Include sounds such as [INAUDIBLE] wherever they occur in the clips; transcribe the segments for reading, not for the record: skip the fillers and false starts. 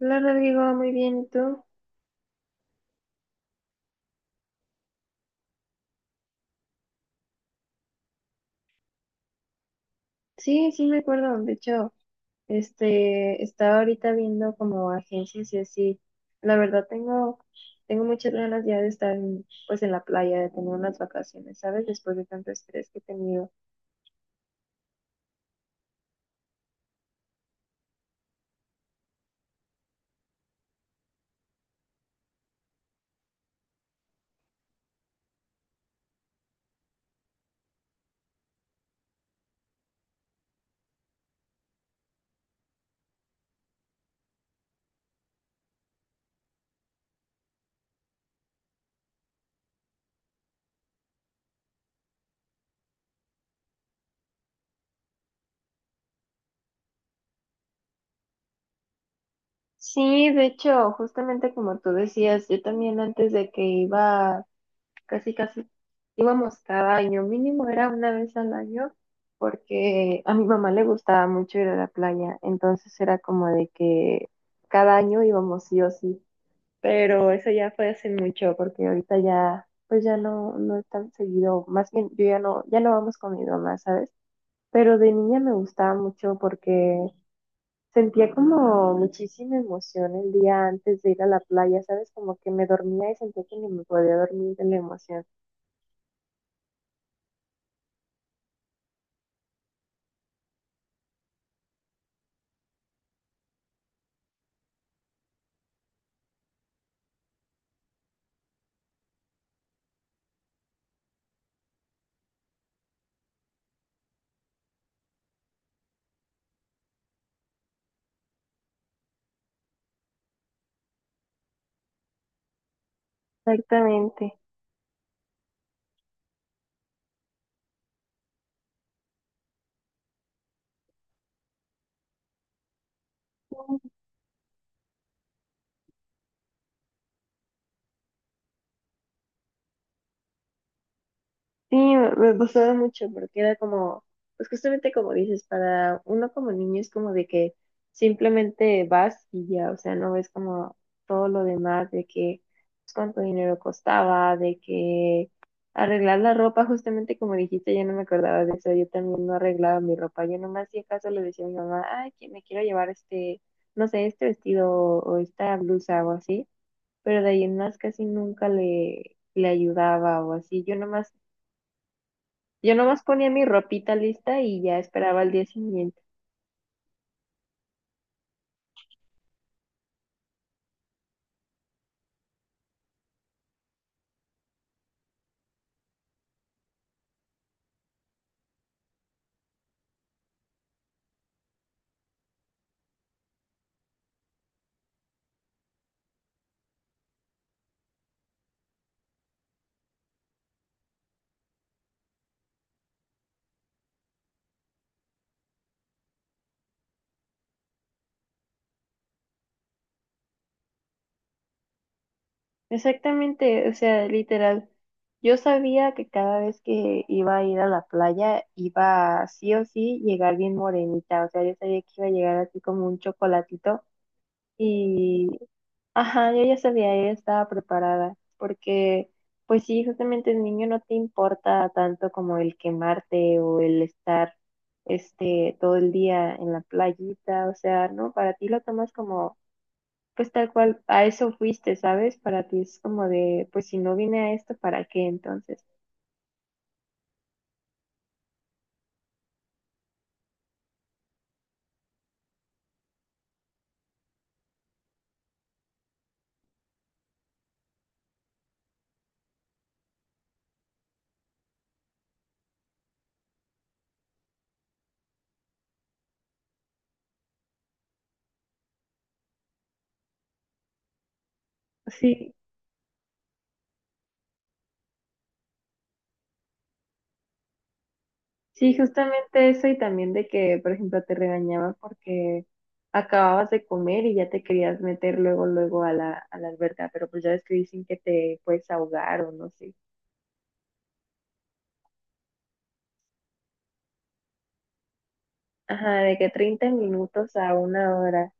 Hola Rodrigo, muy bien, ¿y tú? Sí, sí me acuerdo, de hecho, estaba ahorita viendo como agencias y así. La verdad tengo muchas ganas ya de estar pues en la playa, de tener unas vacaciones, ¿sabes? Después de tanto estrés que he tenido. Sí, de hecho, justamente como tú decías, yo también antes de que iba casi casi íbamos cada año, mínimo era una vez al año, porque a mi mamá le gustaba mucho ir a la playa, entonces era como de que cada año íbamos sí o sí, pero eso ya fue hace mucho, porque ahorita ya, pues ya no, no es tan seguido, más bien yo ya no, ya no vamos con mi mamá, ¿sabes? Pero de niña me gustaba mucho porque sentía como muchísima emoción el día antes de ir a la playa, ¿sabes? Como que me dormía y sentía que ni me podía dormir de la emoción. Exactamente. Sí, me gustaba mucho porque era como, pues justamente como dices, para uno como niño es como de que simplemente vas y ya, o sea, no ves como todo lo demás de que pues, cuánto dinero costaba, de que arreglar la ropa, justamente como dijiste, yo no me acordaba de eso, yo también no arreglaba mi ropa, yo nomás si acaso le decía a mi mamá, ay, que me quiero llevar no sé, este vestido o esta blusa o así. Pero de ahí en más casi nunca le ayudaba o así. Yo nomás ponía mi ropita lista y ya esperaba al día siguiente. Exactamente, o sea, literal. Yo sabía que cada vez que iba a ir a la playa iba sí o sí llegar bien morenita, o sea, yo sabía que iba a llegar así como un chocolatito y ajá, yo ya sabía, yo ya estaba preparada, porque pues sí, justamente el niño no te importa tanto como el quemarte o el estar todo el día en la playita, o sea, ¿no? Para ti lo tomas como, pues tal cual, a eso fuiste, ¿sabes? Para ti es como de, pues si no vine a esto, ¿para qué entonces? Sí. Sí, justamente eso y también de que, por ejemplo, te regañaba porque acababas de comer y ya te querías meter luego, luego a la alberca, pero pues ya ves que dicen que te puedes ahogar o no sé. Ajá, de que 30 minutos a 1 hora.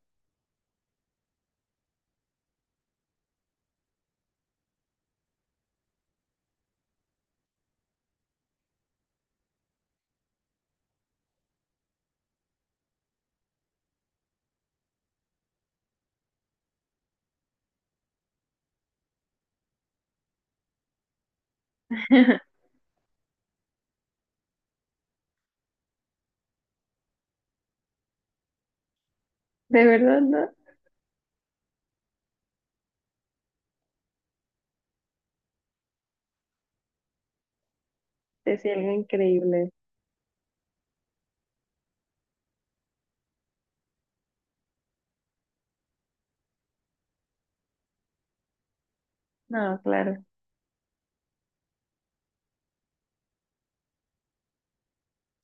[LAUGHS] De verdad, ¿no? Es algo increíble. No, claro.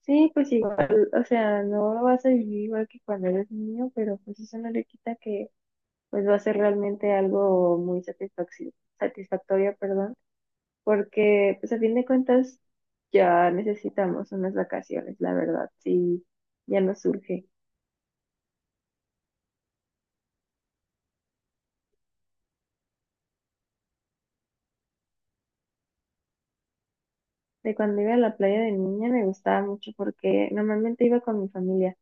Sí, pues igual, o sea, no lo vas a vivir igual que cuando eres niño, pero pues eso no le quita que pues va a ser realmente algo muy satisfactorio, porque pues a fin de cuentas ya necesitamos unas vacaciones, la verdad, sí, ya nos surge. De cuando iba a la playa de niña me gustaba mucho porque normalmente iba con mi familia,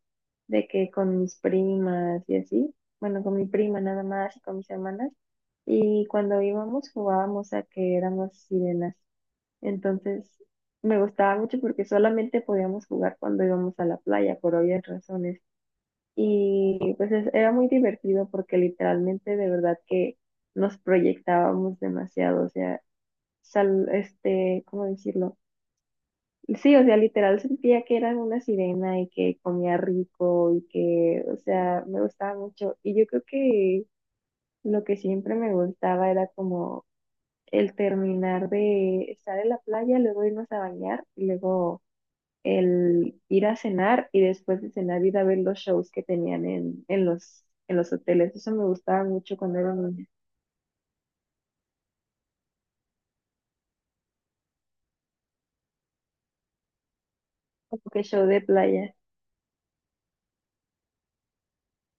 de que con mis primas y así, bueno, con mi prima nada más y con mis hermanas, y cuando íbamos jugábamos a que éramos sirenas, entonces me gustaba mucho porque solamente podíamos jugar cuando íbamos a la playa, por obvias razones. Y pues era muy divertido porque literalmente de verdad que nos proyectábamos demasiado, o sea, ¿cómo decirlo? Sí, o sea, literal sentía que era una sirena y que comía rico y que, o sea, me gustaba mucho. Y yo creo que lo que siempre me gustaba era como el terminar de estar en la playa, luego irnos a bañar y luego el ir a cenar y después de cenar ir a ver los shows que tenían en los hoteles. Eso me gustaba mucho cuando era niña. Como que show de playa.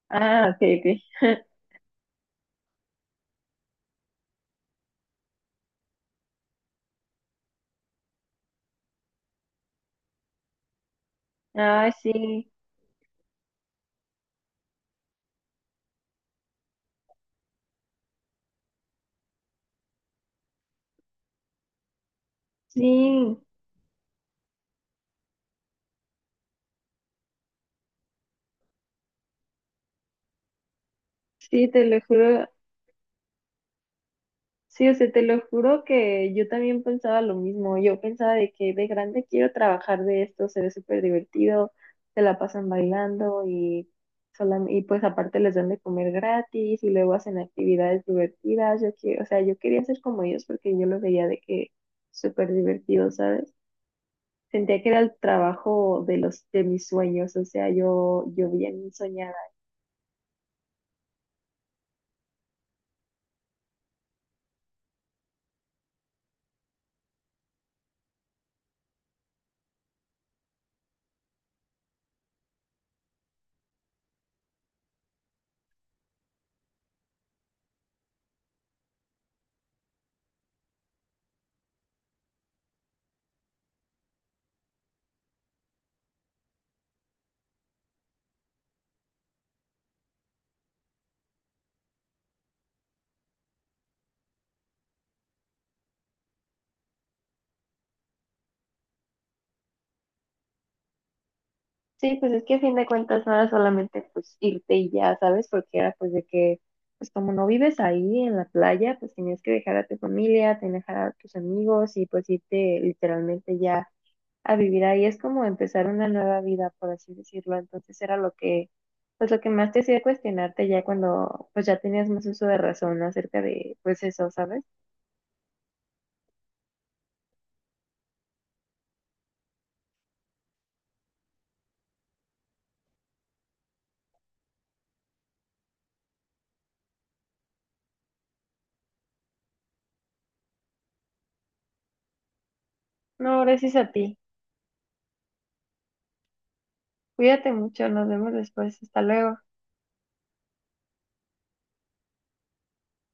Ah, ok, ok. [LAUGHS] Ah, sí, sí, sí, te lo juro. Sí, o sea, te lo juro que yo también pensaba lo mismo. Yo pensaba de que de grande quiero trabajar de esto, se ve súper divertido, se la pasan bailando y, y pues aparte les dan de comer gratis y luego hacen actividades divertidas. Yo quiero, o sea, yo quería ser como ellos porque yo lo veía de que súper divertido, ¿sabes? Sentía que era el trabajo de los de mis sueños, o sea, yo bien soñaba. Sí, pues es que a fin de cuentas no era solamente pues irte y ya, ¿sabes? Porque era pues de que, pues como no vives ahí en la playa, pues tenías que dejar a tu familia, tenías que dejar a tus amigos y pues irte literalmente ya a vivir ahí. Es como empezar una nueva vida, por así decirlo. Entonces era lo que, pues lo que más te hacía cuestionarte ya cuando pues ya tenías más uso de razón acerca de pues eso, ¿sabes? No, gracias a ti. Cuídate mucho, nos vemos después. Hasta luego.